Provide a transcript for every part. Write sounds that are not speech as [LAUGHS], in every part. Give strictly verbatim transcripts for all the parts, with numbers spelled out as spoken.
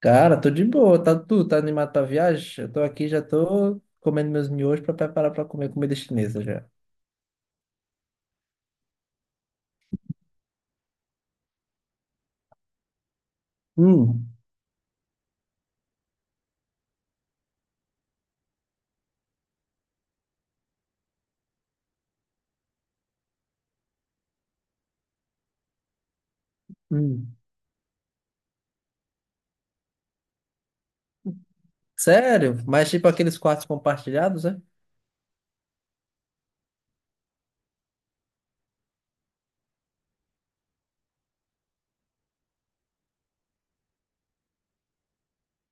Cara, tô de boa, tá tu, tá animado pra viagem? Eu tô aqui, já tô comendo meus miojos pra preparar pra comer comida chinesa já. Hum. Hum. Sério? Mas tipo aqueles quartos compartilhados, é?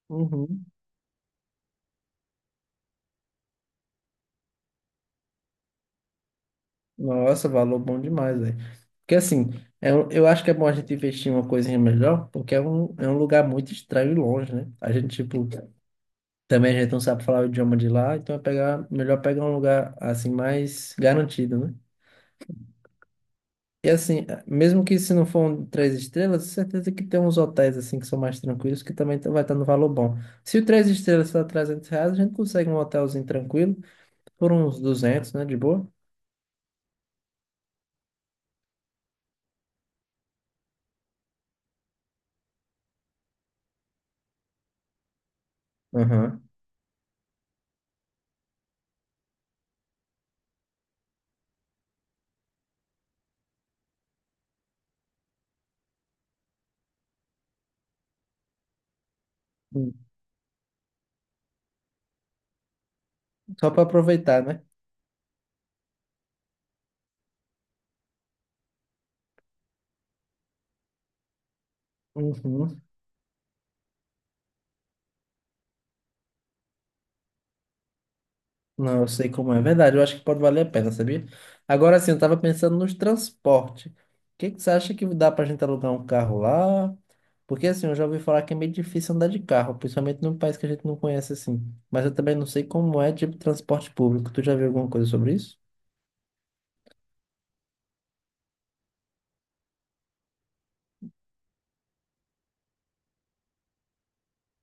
Uhum. Nossa, valor bom demais, velho. Porque assim, é um- eu acho que é bom a gente investir em uma coisinha melhor, porque é um, é um lugar muito estranho e longe, né? A gente, tipo, também a gente não sabe falar o idioma de lá, então é pegar, melhor pegar um lugar assim mais garantido, né? E assim, eh, mesmo que se não for um três estrelas, certeza que tem uns hotéis assim que são mais tranquilos que também tá- vai estar no valor bom. Se o três estrelas está trezentos reais, a gente consegue um hotelzinho tranquilo por uns duzentos, né? De boa. Aham. Só para aproveitar, né? Uhum. Não, eu sei como é. Verdade, eu acho que pode valer a pena, sabia? Agora sim, eu tava pensando nos transportes. O que que você acha que dá pra gente alugar um carro lá? Porque assim, eu já ouvi falar que é meio difícil andar de carro, principalmente num país que a gente não conhece assim. Mas eu também não sei como é tipo transporte público. Tu já viu alguma coisa sobre isso?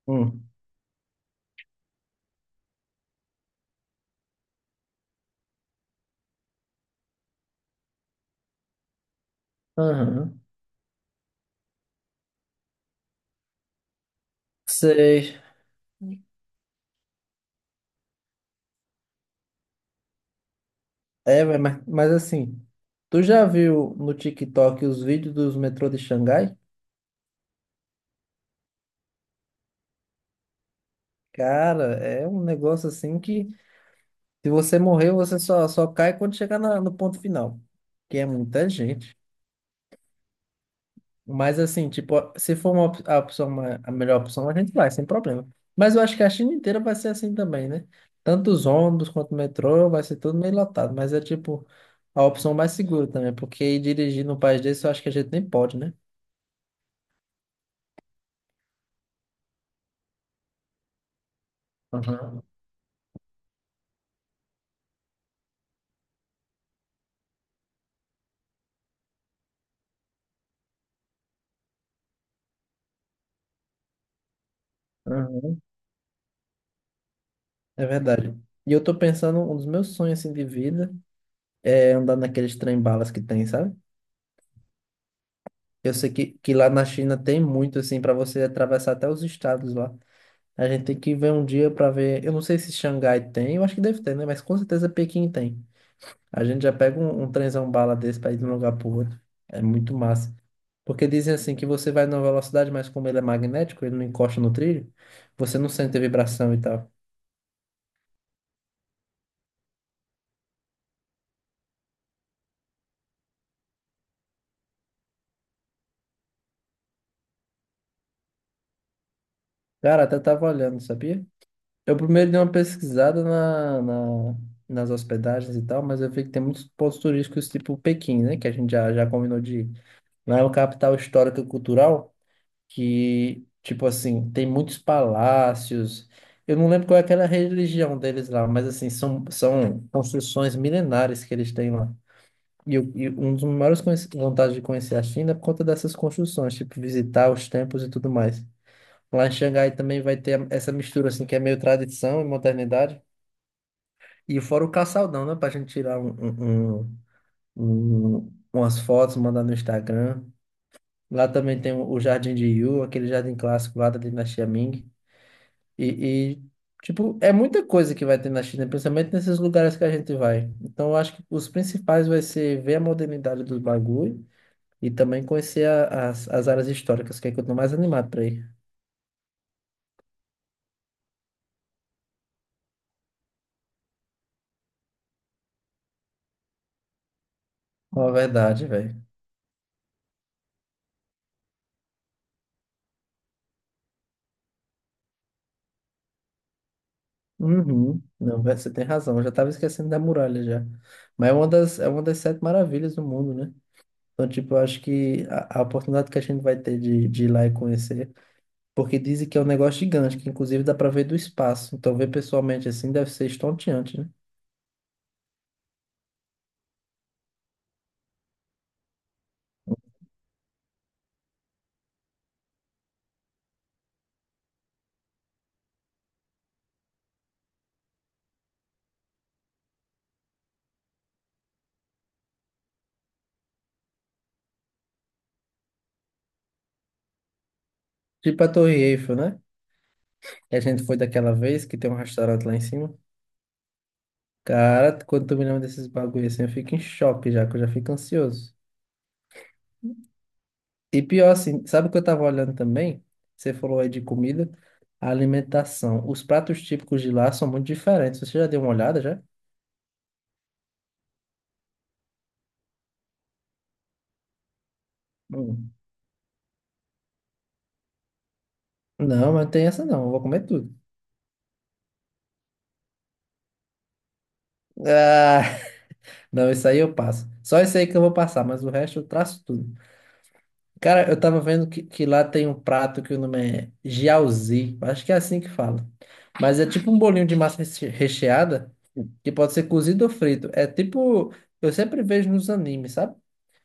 Hum. Aham. Sei. É, mas, mas mas, assim, tu já viu no TikTok os vídeos dos metrô de Xangai? Cara, é um negócio assim que, se você morrer, você só, só cai quando chegar na- no ponto final, que é muita gente. Mas assim, tipo, se for uma, op- a opção, ma- a melhor opção, a gente vai, sem problema. Mas eu acho que a China inteira vai ser assim também, né? Tanto os ônibus quanto o metrô, vai ser tudo meio lotado. Mas é tipo a opção mais segura também, porque ir dirigir num país desse, eu acho que a gente nem pode, né? Aham, aham. É verdade. E eu tô pensando, um dos meus sonhos assim, de vida é andar naqueles trem-balas que tem, sabe? Eu sei que, que lá na China tem muito, assim, para você atravessar até os estados lá. A gente tem que ver um dia para ver. Eu não sei se Xangai tem, eu acho que deve ter, né? Mas com certeza Pequim tem. A gente já pega um, um trenzão bala desse para ir de um lugar pro outro. É muito massa. Porque dizem assim que você vai numa velocidade, mas como ele é magnético, ele não encosta no trilho, você não sente a vibração e tal. Cara, até tava olhando, sabia? Eu primeiro dei uma pesquisada na, na- nas hospedagens e tal, mas eu vi que tem muitos pontos turísticos tipo Pequim, né? Que a gente já, já combinou de ir. Lá é uma capital histórica e cultural que, tipo assim, tem muitos palácios. Eu não lembro qual é aquela religião deles lá, mas assim, são, são construções milenares que eles têm lá. E, eu, e um dos maiores conhec- vantagens de conhecer a China é por conta dessas construções, tipo, visitar os templos e tudo mais. Lá em Xangai também vai ter essa mistura, assim, que é meio tradição e modernidade. E fora o caçaldão, né? Pra gente tirar um, um- um- um- umas fotos, mandar no Instagram. Lá também tem o Jardim de Yu, aquele jardim clássico lá da dinastia Ming. E, e, tipo, é muita coisa que vai ter na China, principalmente nesses lugares que a gente vai. Então, eu acho que os principais vai ser ver a modernidade do bagulho e também conhecer a- as, as áreas históricas, que é que eu tô mais animado pra ir. Uma verdade, velho. Uhum. Não, vai- você tem razão. Eu já estava esquecendo da muralha já. Mas é uma das, é uma das sete maravilhas do mundo, né? Então, tipo, eu acho que a, a oportunidade que a gente vai ter de, de ir lá e conhecer, porque dizem que é um negócio gigante, que inclusive dá para ver do espaço. Então, ver pessoalmente assim deve ser estonteante, né? Tipo a Torre Eiffel, né? Que a gente foi daquela vez, que tem um restaurante lá em cima. Cara, quando tu me lembra desses bagulho assim, eu fico em choque já, que eu já fico ansioso. E pior assim, sabe o que eu tava olhando também? Você falou aí de comida, a alimentação. Os pratos típicos de lá são muito diferentes. Você já deu uma olhada já? Hum. Não, mas não tem essa não. Eu vou comer tudo. Ah, [LAUGHS] não, isso aí eu passo. Só isso aí que eu vou passar, mas o resto eu traço tudo. Cara, eu tava vendo que, que lá tem um prato que o nome é jiaozi. Acho que é assim que fala. Mas é tipo um bolinho de massa reche- recheada que pode ser cozido ou frito. É tipo, eu sempre vejo nos animes, sabe?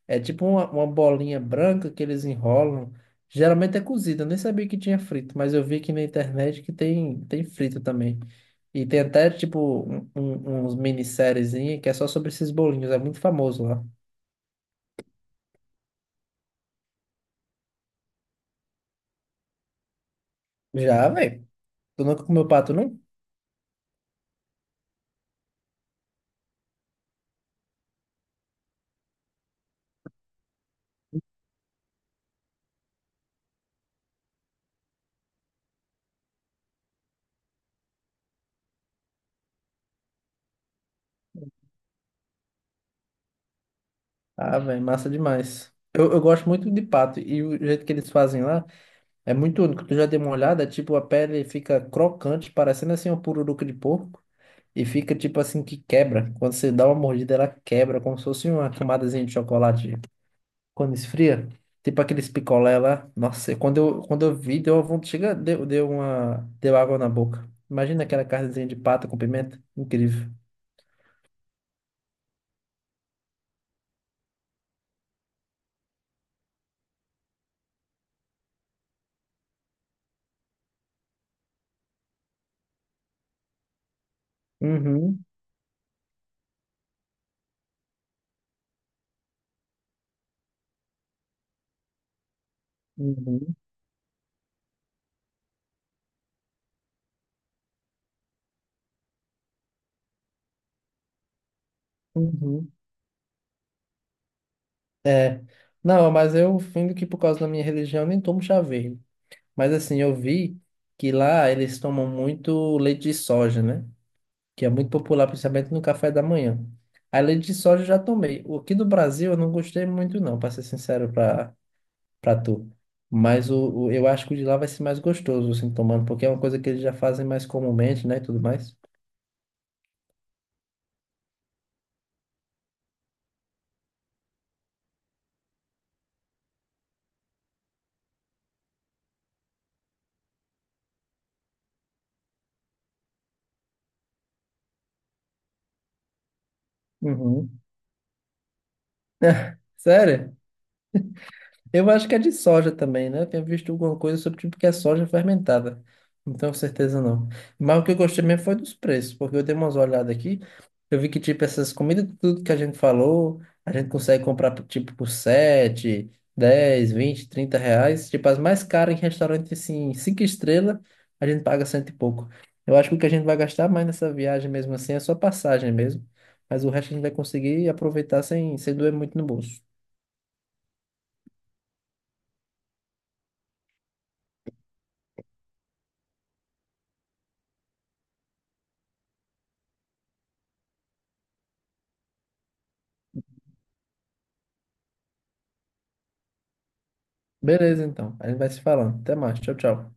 É tipo uma, uma bolinha branca que eles enrolam. Geralmente é cozida, eu nem sabia que tinha frito, mas eu vi aqui na internet que tem, tem frito também. E tem até, tipo, um, um, uns minisseriezinha que é só sobre esses bolinhos, é muito famoso lá. Já, velho? Tu nunca comeu pato, não? Ah, velho, massa demais. Eu, eu gosto muito de pato, e o jeito que eles fazem lá é muito único. Tu já deu uma olhada, tipo, a pele fica crocante, parecendo assim uma pururuca de porco. E fica tipo assim que quebra. Quando você dá uma mordida, ela quebra, como se fosse uma camadazinha de chocolate. Quando esfria, tipo aqueles picolé lá. Nossa, quando eu, quando eu vi, deu uma vontade. Chega, deu, deu uma. Deu água na boca. Imagina aquela carnezinha de pato com pimenta. Incrível. Uhum, uhum, uhum. É. Não, mas eu fingo que por causa da minha religião eu nem tomo chá verde. Mas assim, eu vi que lá eles tomam muito leite de soja, né? Que é muito popular, principalmente no café da manhã. A leite de soja eu já tomei. O aqui do Brasil eu não gostei muito, não, para ser sincero para para tu. Mas o, o- eu acho que o de lá vai ser mais gostoso, assim, tomando, porque é uma coisa que eles já fazem mais comumente, né, e tudo mais. Uhum. [LAUGHS] Sério? Eu acho que é de soja também, né? Eu tinha visto alguma coisa sobre tipo que é soja fermentada. Não tenho certeza não. Mas o que eu gostei mesmo foi dos preços, porque eu dei umas olhadas aqui. Eu vi que tipo essas comidas, tudo que a gente falou, a gente consegue comprar por, tipo por sete, dez, vinte, trinta reais. Tipo as mais caras em restaurante assim, cinco estrelas, a gente paga cento e pouco. Eu acho que o que a gente vai gastar mais nessa viagem mesmo assim é só passagem mesmo. Mas o resto a gente vai conseguir aproveitar sem, sem doer muito no bolso. Beleza, então. A gente vai se falando. Até mais. Tchau, tchau.